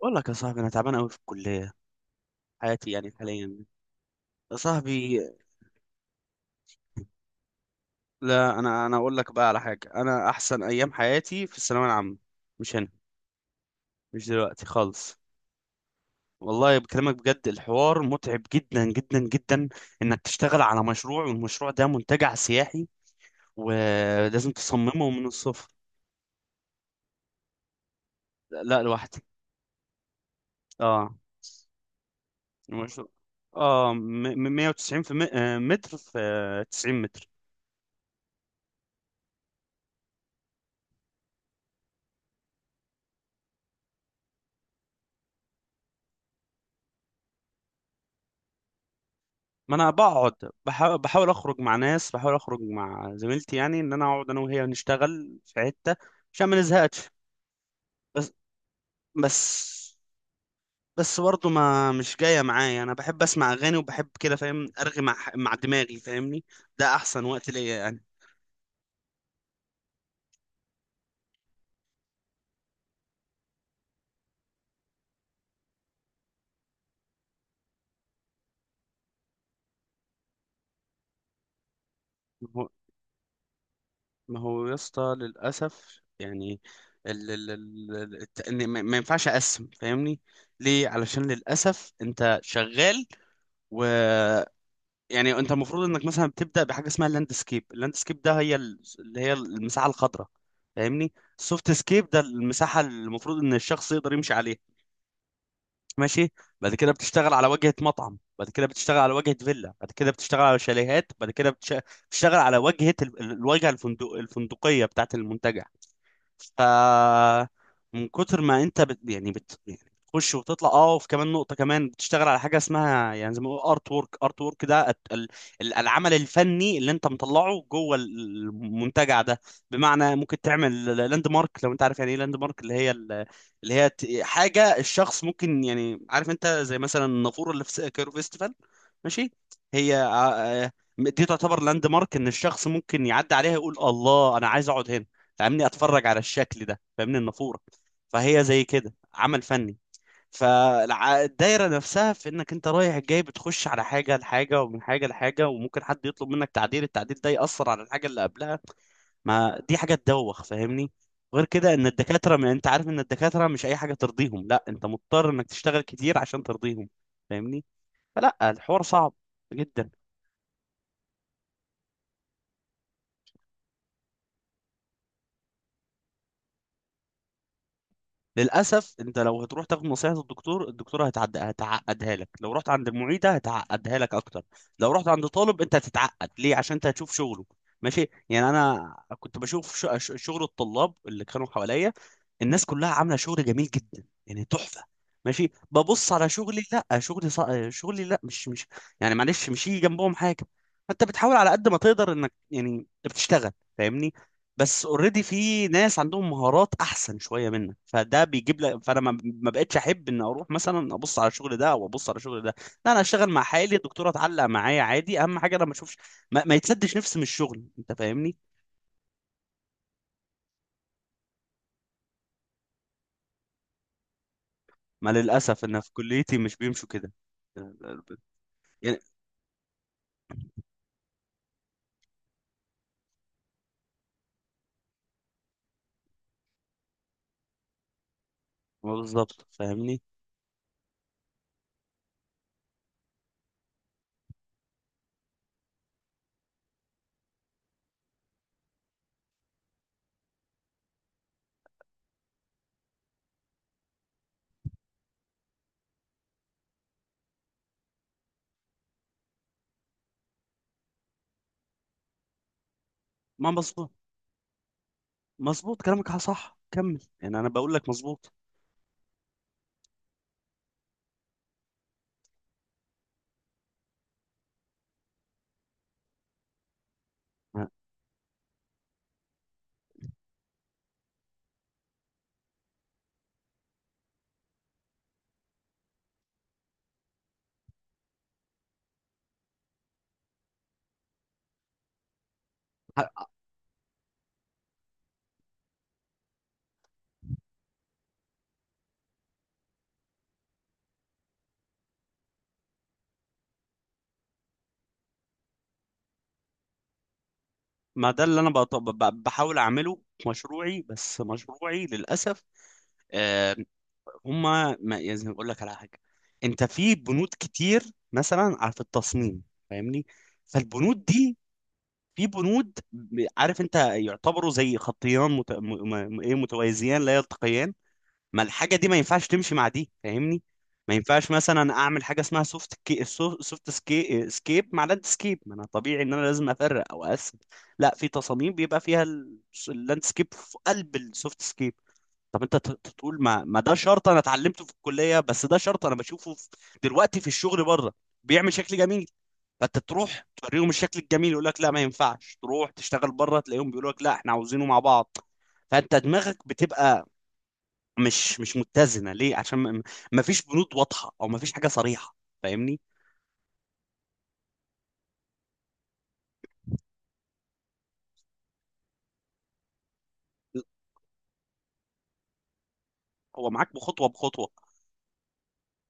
بقول لك يا صاحبي، انا تعبان قوي في الكليه. حياتي يعني حاليا، يا صاحبي. لا انا اقول لك بقى على حاجه، انا احسن ايام حياتي في الثانويه العامه، مش هنا، مش دلوقتي خالص. والله بكلمك بجد، الحوار متعب جدا جدا جدا، انك تشتغل على مشروع والمشروع ده منتجع سياحي ولازم تصممه من الصفر. لا، لوحدي. اه. المشروع اه م- 190 في متر في 90 متر. ما انا بقعد بحاول اخرج مع ناس، بحاول اخرج مع زميلتي، يعني ان انا اقعد انا وهي نشتغل في حتة عشان ما نزهقش. بس بس بس برضه ما مش جاية معايا، انا بحب اسمع اغاني وبحب كده، فاهم؟ ارغي مع دماغي، فاهمني؟ ده احسن وقت ليا يعني. ما هو ما هو يا اسطى، للاسف يعني إن ما ينفعش اقسم، فاهمني؟ ليه؟ علشان للاسف انت شغال، يعني انت المفروض انك مثلا بتبدا بحاجه اسمها اللاند سكيب. اللاند سكيب ده هي اللي هي المساحه الخضراء، فاهمني؟ السوفت سكيب ده المساحه اللي المفروض ان الشخص يقدر يمشي عليها، ماشي. بعد كده بتشتغل على واجهه مطعم، بعد كده بتشتغل على واجهه فيلا، بعد كده بتشتغل على شاليهات، بعد كده بتشتغل على واجهه الواجهه الفندق الفندقيه بتاعه المنتجع. ف، من كتر ما انت بت... يعني بت... يعني بتخش وتطلع. اه. وفي كمان نقطه كمان بتشتغل على حاجه اسمها يعني زي ما بيقولوا ارت وورك. ارت وورك ده العمل الفني اللي انت مطلعه جوه المنتجع ده. بمعنى ممكن تعمل لاند مارك، لو انت عارف يعني ايه لاند مارك، اللي هي حاجه الشخص ممكن، يعني عارف انت زي مثلا النافوره اللي في كايرو فيستيفال، ماشي؟ هي آه، دي تعتبر لاند مارك، ان الشخص ممكن يعدي عليها يقول الله، انا عايز اقعد هنا، فاهمني؟ اتفرج على الشكل ده، فاهمني؟ النافوره، فهي زي كده عمل فني. فالدايره نفسها في انك انت رايح جاي، بتخش على حاجه لحاجه ومن حاجه لحاجه، وممكن حد يطلب منك تعديل، التعديل ده ياثر على الحاجه اللي قبلها، ما دي حاجه تدوخ، فاهمني؟ غير كده ان الدكاتره، ما انت عارف ان الدكاتره مش اي حاجه ترضيهم، لا، انت مضطر انك تشتغل كتير عشان ترضيهم، فاهمني؟ فلا، الحوار صعب جدا. للاسف انت لو هتروح تاخد نصيحه الدكتور، الدكتوره هتعقدها لك، لو رحت عند المعيده هتعقدها لك اكتر، لو رحت عند طالب انت هتتعقد. ليه؟ عشان انت هتشوف شغله، ماشي؟ يعني انا كنت بشوف شغل الطلاب اللي كانوا حواليا، الناس كلها عامله شغل جميل جدا، يعني تحفه. ماشي، ببص على شغلي، لا، شغلي لا، مش مش يعني معلش مش يجي جنبهم حاجه. انت بتحاول على قد ما تقدر انك يعني بتشتغل، فاهمني؟ بس اوريدي في ناس عندهم مهارات احسن شويه منك، فده بيجيب لك، فانا ما بقتش احب ان اروح مثلا ابص على الشغل ده او ابص على الشغل ده. لا، انا اشتغل مع حالي، الدكتوره تعلق معايا عادي، اهم حاجه انا ما اشوفش. ما يتسدش نفسي من الشغل، انت فاهمني؟ ما للاسف انا في كليتي مش بيمشوا كده يعني. ما بالظبط، فاهمني؟ ما مظبوط، مظبوط كلامك، صح، كمل يعني، انا بقول لك مظبوط. ما ما ده اللي انا بحاول اعمله في مشروعي، بس مشروعي للاسف، آه، هم، ما يعني اقول لك على حاجه. انت في بنود كتير مثلا على، في التصميم، فاهمني؟ فالبنود دي، في بنود عارف انت يعتبروا زي خطيان ايه، متوازيان لا يلتقيان. ما الحاجه دي ما ينفعش تمشي مع دي، فاهمني؟ ما ينفعش مثلا اعمل حاجه اسمها سوفت سكيب مع لاند سكيب، ما انا طبيعي ان انا لازم افرق او اقسم. لا، في تصاميم بيبقى فيها اللاند سكيب في قلب السوفت سكيب. طب انت تقول ما ده شرط انا اتعلمته في الكليه، بس ده شرط انا بشوفه في دلوقتي في الشغل بره، بيعمل شكل جميل. فانت تروح توريهم الشكل الجميل، يقول لك لا ما ينفعش، تروح تشتغل بره تلاقيهم بيقولوا لك لا احنا عاوزينه مع بعض. فانت دماغك بتبقى مش متزنه. ليه؟ عشان ما فيش بنود واضحه او ما فيش حاجه صريحه، فاهمني؟ هو معاك بخطوه بخطوه.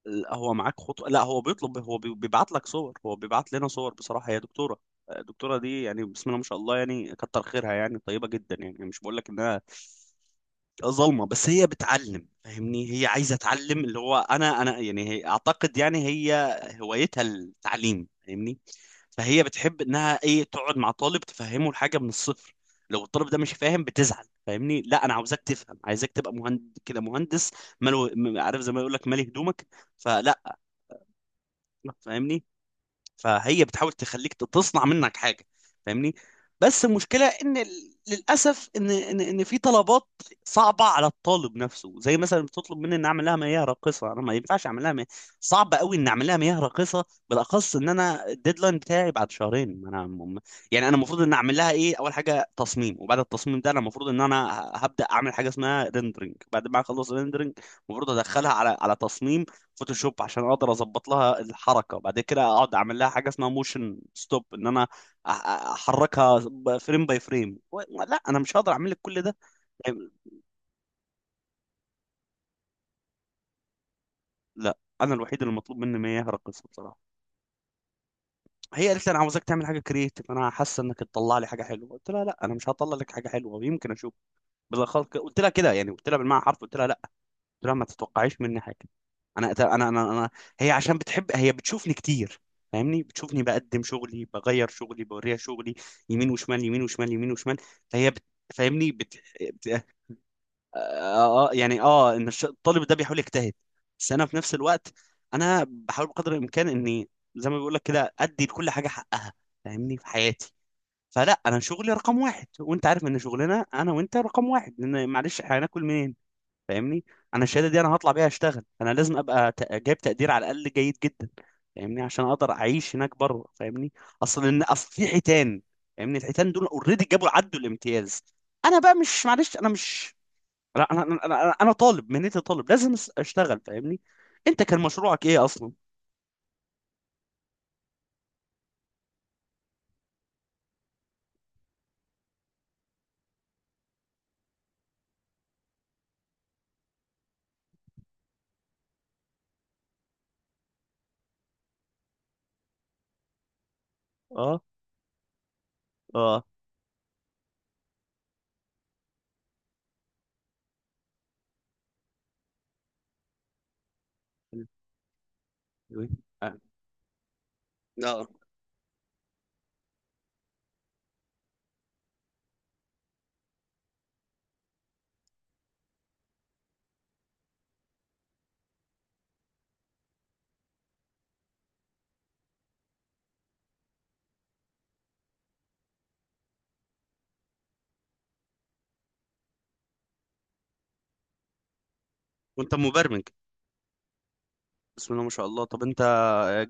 لا، هو معاك خطوة، لا هو بيطلب، هو بيبعت لك صور، هو بيبعت لنا صور بصراحة. هي دكتورة، الدكتورة دي يعني بسم الله ما شاء الله، يعني كتر خيرها، يعني طيبة جدا، يعني مش بقول لك انها ظلمة، بس هي بتعلم، فاهمني؟ هي عايزة تعلم، اللي هو انا يعني هي اعتقد، يعني هي هوايتها التعليم، فاهمني؟ فهي بتحب انها ايه، تقعد مع طالب تفهمه الحاجة من الصفر. لو الطالب ده مش فاهم بتزعل، فاهمني؟ لا انا عاوزاك تفهم، عايزاك تبقى مهندس كده مهندس، مالو. عارف زي ما يقول لك، مالي هدومك. فلا، فاهمني؟ فهي بتحاول تخليك تصنع منك حاجه، فاهمني؟ بس المشكله ان للاسف ان في طلبات صعبه على الطالب نفسه، زي مثلا بتطلب مني ان اعمل لها مياه راقصه، انا ما ينفعش اعمل لها مياه، صعب قوي ان اعمل لها مياه راقصه، بالاخص ان انا الديدلاين بتاعي بعد شهرين. ما انا م- يعني انا المفروض ان اعمل لها ايه؟ اول حاجه تصميم، وبعد التصميم ده انا المفروض ان انا هبدا اعمل حاجه اسمها ريندرنج، بعد ما اخلص ريندرنج المفروض ادخلها على على تصميم فوتوشوب عشان اقدر اظبط لها الحركه، بعد كده اقعد اعمل لها حاجه اسمها موشن ستوب، ان انا احركها فريم باي فريم. لا، انا مش هقدر اعمل لك كل ده. لا، انا الوحيد اللي مطلوب مني ما يهرقص بصراحه. هي قالت لي انا عاوزاك تعمل حاجه كريتيف، انا حاسه انك تطلع لي حاجه حلوه، قلت لها لا انا مش هطلع لك حاجه حلوه، ويمكن اشوف. بالاخص قلت لها كده يعني، قلت لها بالمعنى حرف، قلت لها، قلت لها ما تتوقعيش مني حاجه. انا هي عشان بتحب، هي بتشوفني كتير، فاهمني؟ بتشوفني بقدم شغلي، بغير شغلي، بوريها شغلي يمين وشمال، يمين وشمال، يمين وشمال. فهي بت... فاهمني، بت... بت... آه آه، آه، يعني ان الطالب ده بيحاول يجتهد. بس انا في نفس الوقت، انا بحاول بقدر الامكان اني زي ما بيقول لك كده، ادي لكل حاجه حقها، فاهمني، في حياتي. فلا، انا شغلي رقم واحد، وانت عارف ان شغلنا انا وانت رقم واحد، لان معلش هناكل منين؟ فاهمني؟ انا الشهاده دي انا هطلع بيها اشتغل، انا لازم ابقى جايب تقدير على الاقل جيد جدا، فاهمني؟ عشان اقدر اعيش هناك بره، فاهمني؟ اصل ان اصل في حيتان، فاهمني؟ الحيتان دول اوريدي جابوا عدوا الامتياز، انا بقى مش، معلش، انا مش، لا، انا انا انا أنا طالب، مهنتي طالب، لازم اشتغل، فاهمني؟ انت كان مشروعك ايه اصلا؟ اه، اه، اه، آه. وانت مبرمج؟ بسم الله ما شاء الله. طب انت، اه،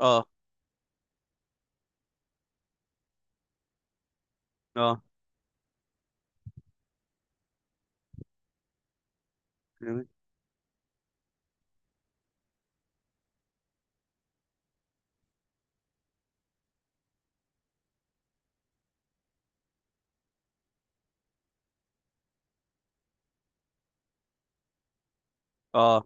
اه، اه، اه،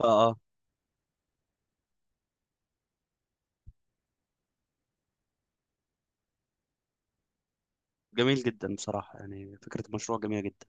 اه، آه. جميل جدا بصراحة، يعني فكرة المشروع جميلة جدا.